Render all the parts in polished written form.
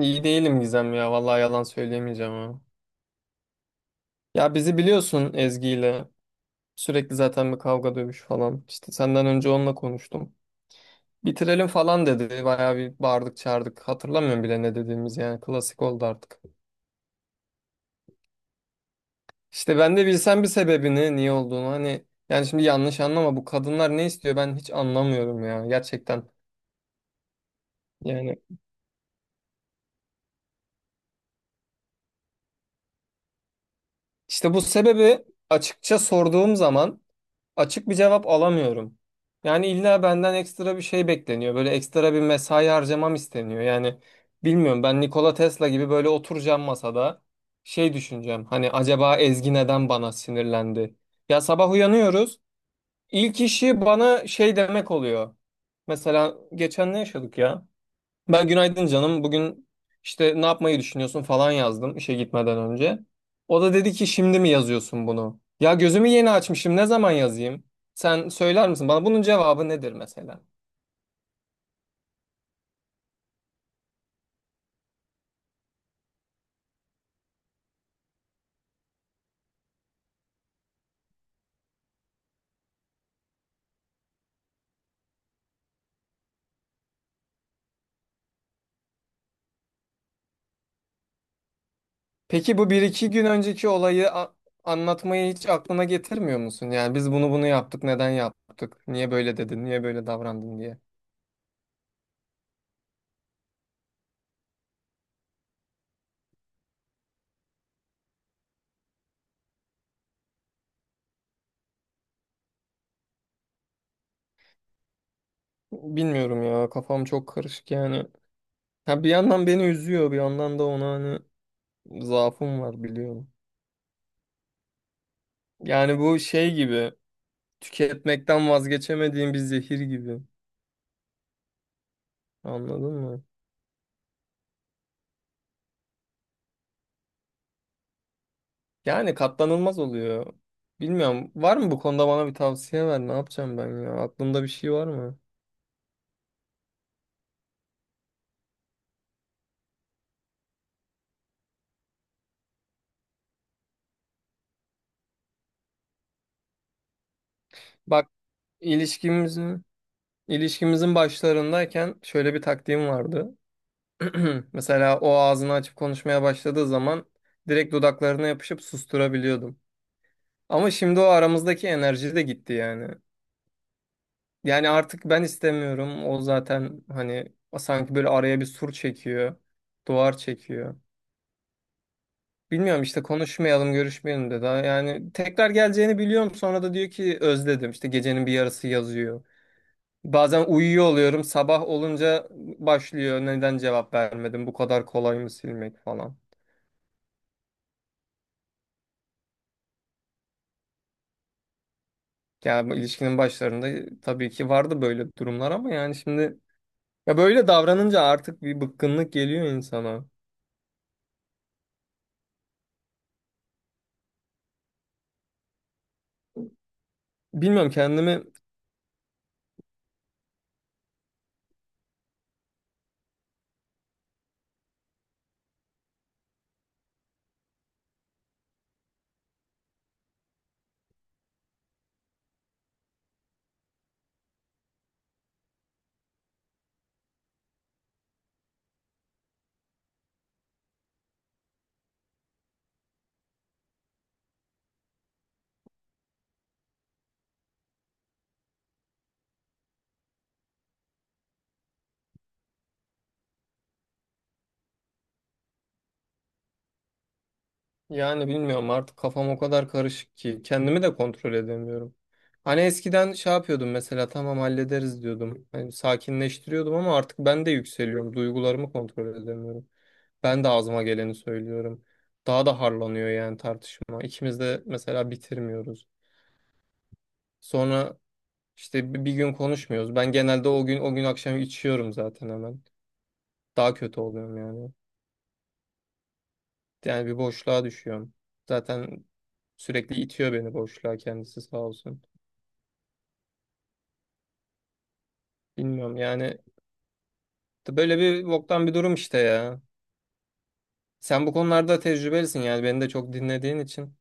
İyi değilim Gizem ya. Vallahi yalan söyleyemeyeceğim ha. Ya bizi biliyorsun Ezgi ile. Sürekli zaten bir kavga dövüş falan. İşte senden önce onunla konuştum. Bitirelim falan dedi. Bayağı bir bağırdık çağırdık. Hatırlamıyorum bile ne dediğimiz yani. Klasik oldu artık. İşte ben de bilsem bir sebebini niye olduğunu hani. Yani şimdi yanlış anlama, bu kadınlar ne istiyor ben hiç anlamıyorum ya gerçekten. Yani işte bu sebebi açıkça sorduğum zaman açık bir cevap alamıyorum. Yani illa benden ekstra bir şey bekleniyor. Böyle ekstra bir mesai harcamam isteniyor. Yani bilmiyorum, ben Nikola Tesla gibi böyle oturacağım masada şey düşüneceğim. Hani acaba Ezgi neden bana sinirlendi? Ya sabah uyanıyoruz. İlk işi bana şey demek oluyor. Mesela geçen ne yaşadık ya? Ben günaydın canım, bugün işte ne yapmayı düşünüyorsun falan yazdım işe gitmeden önce. O da dedi ki şimdi mi yazıyorsun bunu? Ya gözümü yeni açmışım. Ne zaman yazayım? Sen söyler misin bana bunun cevabı nedir mesela? Peki bu bir iki gün önceki olayı anlatmayı hiç aklına getirmiyor musun? Yani biz bunu yaptık. Neden yaptık? Niye böyle dedin? Niye böyle davrandın diye. Bilmiyorum ya. Kafam çok karışık yani. Ha bir yandan beni üzüyor, bir yandan da ona, hani zaafım var biliyorum. Yani bu şey gibi. Tüketmekten vazgeçemediğim bir zehir gibi. Anladın mı? Yani katlanılmaz oluyor. Bilmiyorum. Var mı bu konuda bana bir tavsiye ver? Ne yapacağım ben ya? Aklında bir şey var mı? Bak, ilişkimizin ilişkimizin başlarındayken şöyle bir taktiğim vardı. Mesela o ağzını açıp konuşmaya başladığı zaman direkt dudaklarına yapışıp susturabiliyordum. Ama şimdi o aramızdaki enerji de gitti yani. Yani artık ben istemiyorum. O zaten hani sanki böyle araya bir sur çekiyor. Duvar çekiyor. Bilmiyorum işte, konuşmayalım, görüşmeyelim dedi. Yani tekrar geleceğini biliyorum. Sonra da diyor ki özledim. İşte gecenin bir yarısı yazıyor. Bazen uyuyor oluyorum. Sabah olunca başlıyor. Neden cevap vermedim? Bu kadar kolay mı silmek falan. Yani bu ilişkinin başlarında tabii ki vardı böyle durumlar ama yani şimdi ya böyle davranınca artık bir bıkkınlık geliyor insana. Bilmiyorum kendimi. Yani bilmiyorum, artık kafam o kadar karışık ki kendimi de kontrol edemiyorum. Hani eskiden şey yapıyordum mesela, tamam hallederiz diyordum. Hani sakinleştiriyordum ama artık ben de yükseliyorum. Duygularımı kontrol edemiyorum. Ben de ağzıma geleni söylüyorum. Daha da harlanıyor yani tartışma. İkimiz de mesela bitirmiyoruz. Sonra işte bir gün konuşmuyoruz. Ben genelde o gün akşam içiyorum zaten hemen. Daha kötü oluyorum yani. Yani bir boşluğa düşüyorum. Zaten sürekli itiyor beni boşluğa kendisi sağ olsun. Bilmiyorum yani, böyle bir boktan bir durum işte ya. Sen bu konularda tecrübelisin yani, beni de çok dinlediğin için.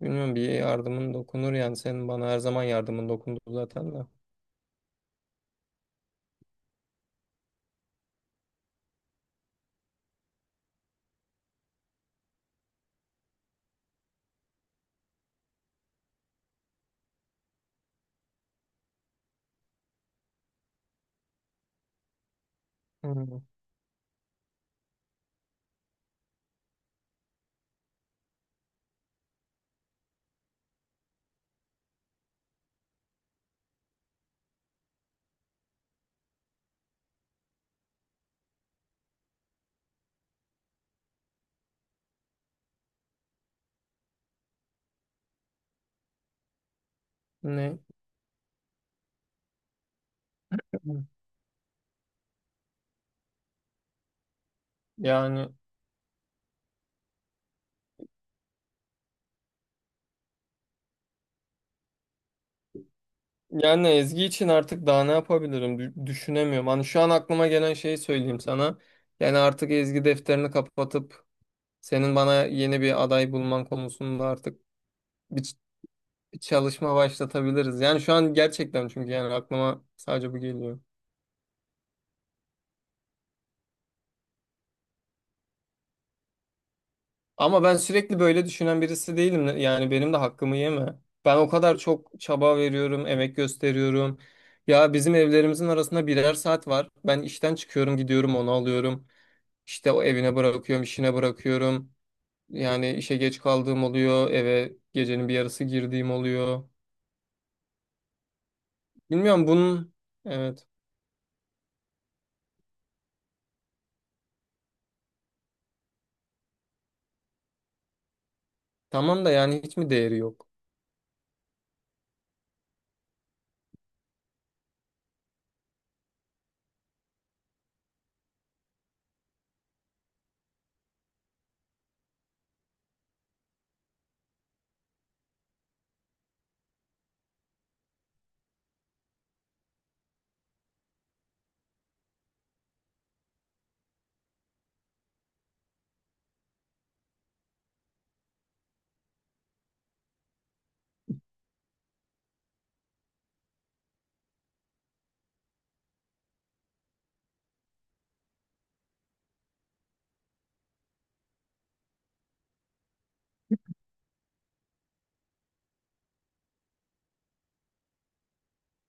Bilmiyorum, bir yardımın dokunur yani, senin bana her zaman yardımın dokundu zaten de. Hmm. Ne? Yani yani Ezgi için artık daha ne yapabilirim? Düşünemiyorum. Hani şu an aklıma gelen şeyi söyleyeyim sana. Yani artık Ezgi defterini kapatıp senin bana yeni bir aday bulman konusunda artık bir ç- bir çalışma başlatabiliriz. Yani şu an gerçekten, çünkü yani aklıma sadece bu geliyor. Ama ben sürekli böyle düşünen birisi değilim. Yani benim de hakkımı yeme. Ben o kadar çok çaba veriyorum, emek gösteriyorum. Ya bizim evlerimizin arasında birer saat var. Ben işten çıkıyorum, gidiyorum, onu alıyorum. İşte o evine bırakıyorum, işine bırakıyorum. Yani işe geç kaldığım oluyor, eve gecenin bir yarısı girdiğim oluyor. Bilmiyorum bunun, evet. Tamam da yani hiç mi değeri yok?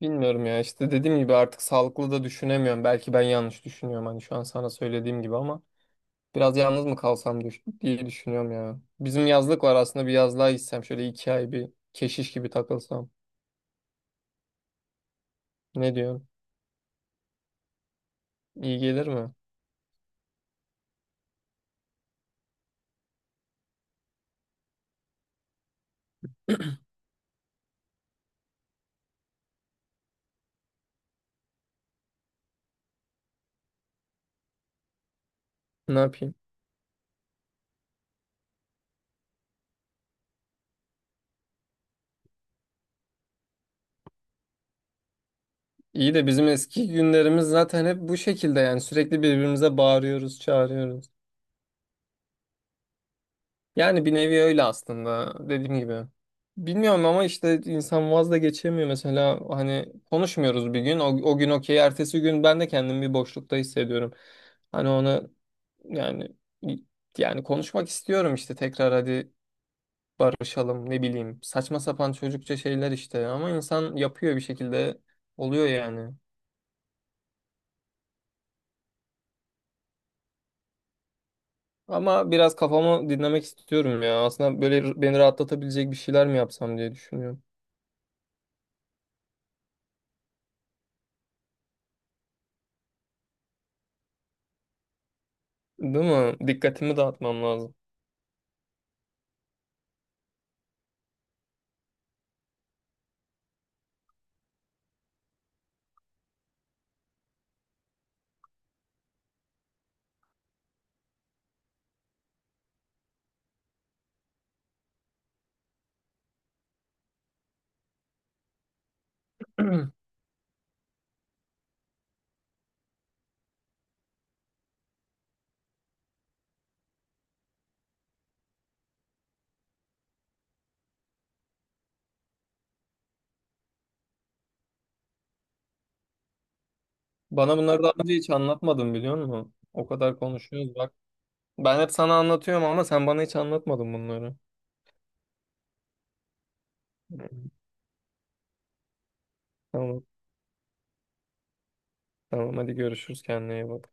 Bilmiyorum ya, işte dediğim gibi artık sağlıklı da düşünemiyorum. Belki ben yanlış düşünüyorum hani şu an sana söylediğim gibi ama. Biraz yalnız mı kalsam diye düşünüyorum ya. Bizim yazlık var aslında, bir yazlığa gitsem şöyle iki ay bir keşiş gibi takılsam. Ne diyorsun? İyi gelir mi? Ne yapayım? İyi de bizim eski günlerimiz zaten hep bu şekilde, yani sürekli birbirimize bağırıyoruz, çağırıyoruz. Yani bir nevi öyle aslında, dediğim gibi. Bilmiyorum ama işte insan vaz da geçemiyor mesela, hani konuşmuyoruz bir gün, o gün okey, ertesi gün ben de kendimi bir boşlukta hissediyorum. Hani ona. Yani yani konuşmak istiyorum işte, tekrar hadi barışalım ne bileyim. Saçma sapan çocukça şeyler işte ama insan yapıyor bir şekilde, oluyor yani. Ama biraz kafamı dinlemek istiyorum ya. Aslında böyle beni rahatlatabilecek bir şeyler mi yapsam diye düşünüyorum. Değil mi? Dikkatimi dağıtmam lazım. Bana bunları daha önce hiç anlatmadın biliyor musun? O kadar konuşuyoruz bak. Ben hep sana anlatıyorum ama sen bana hiç anlatmadın bunları. Hı. Tamam. Tamam hadi görüşürüz, kendine iyi bak.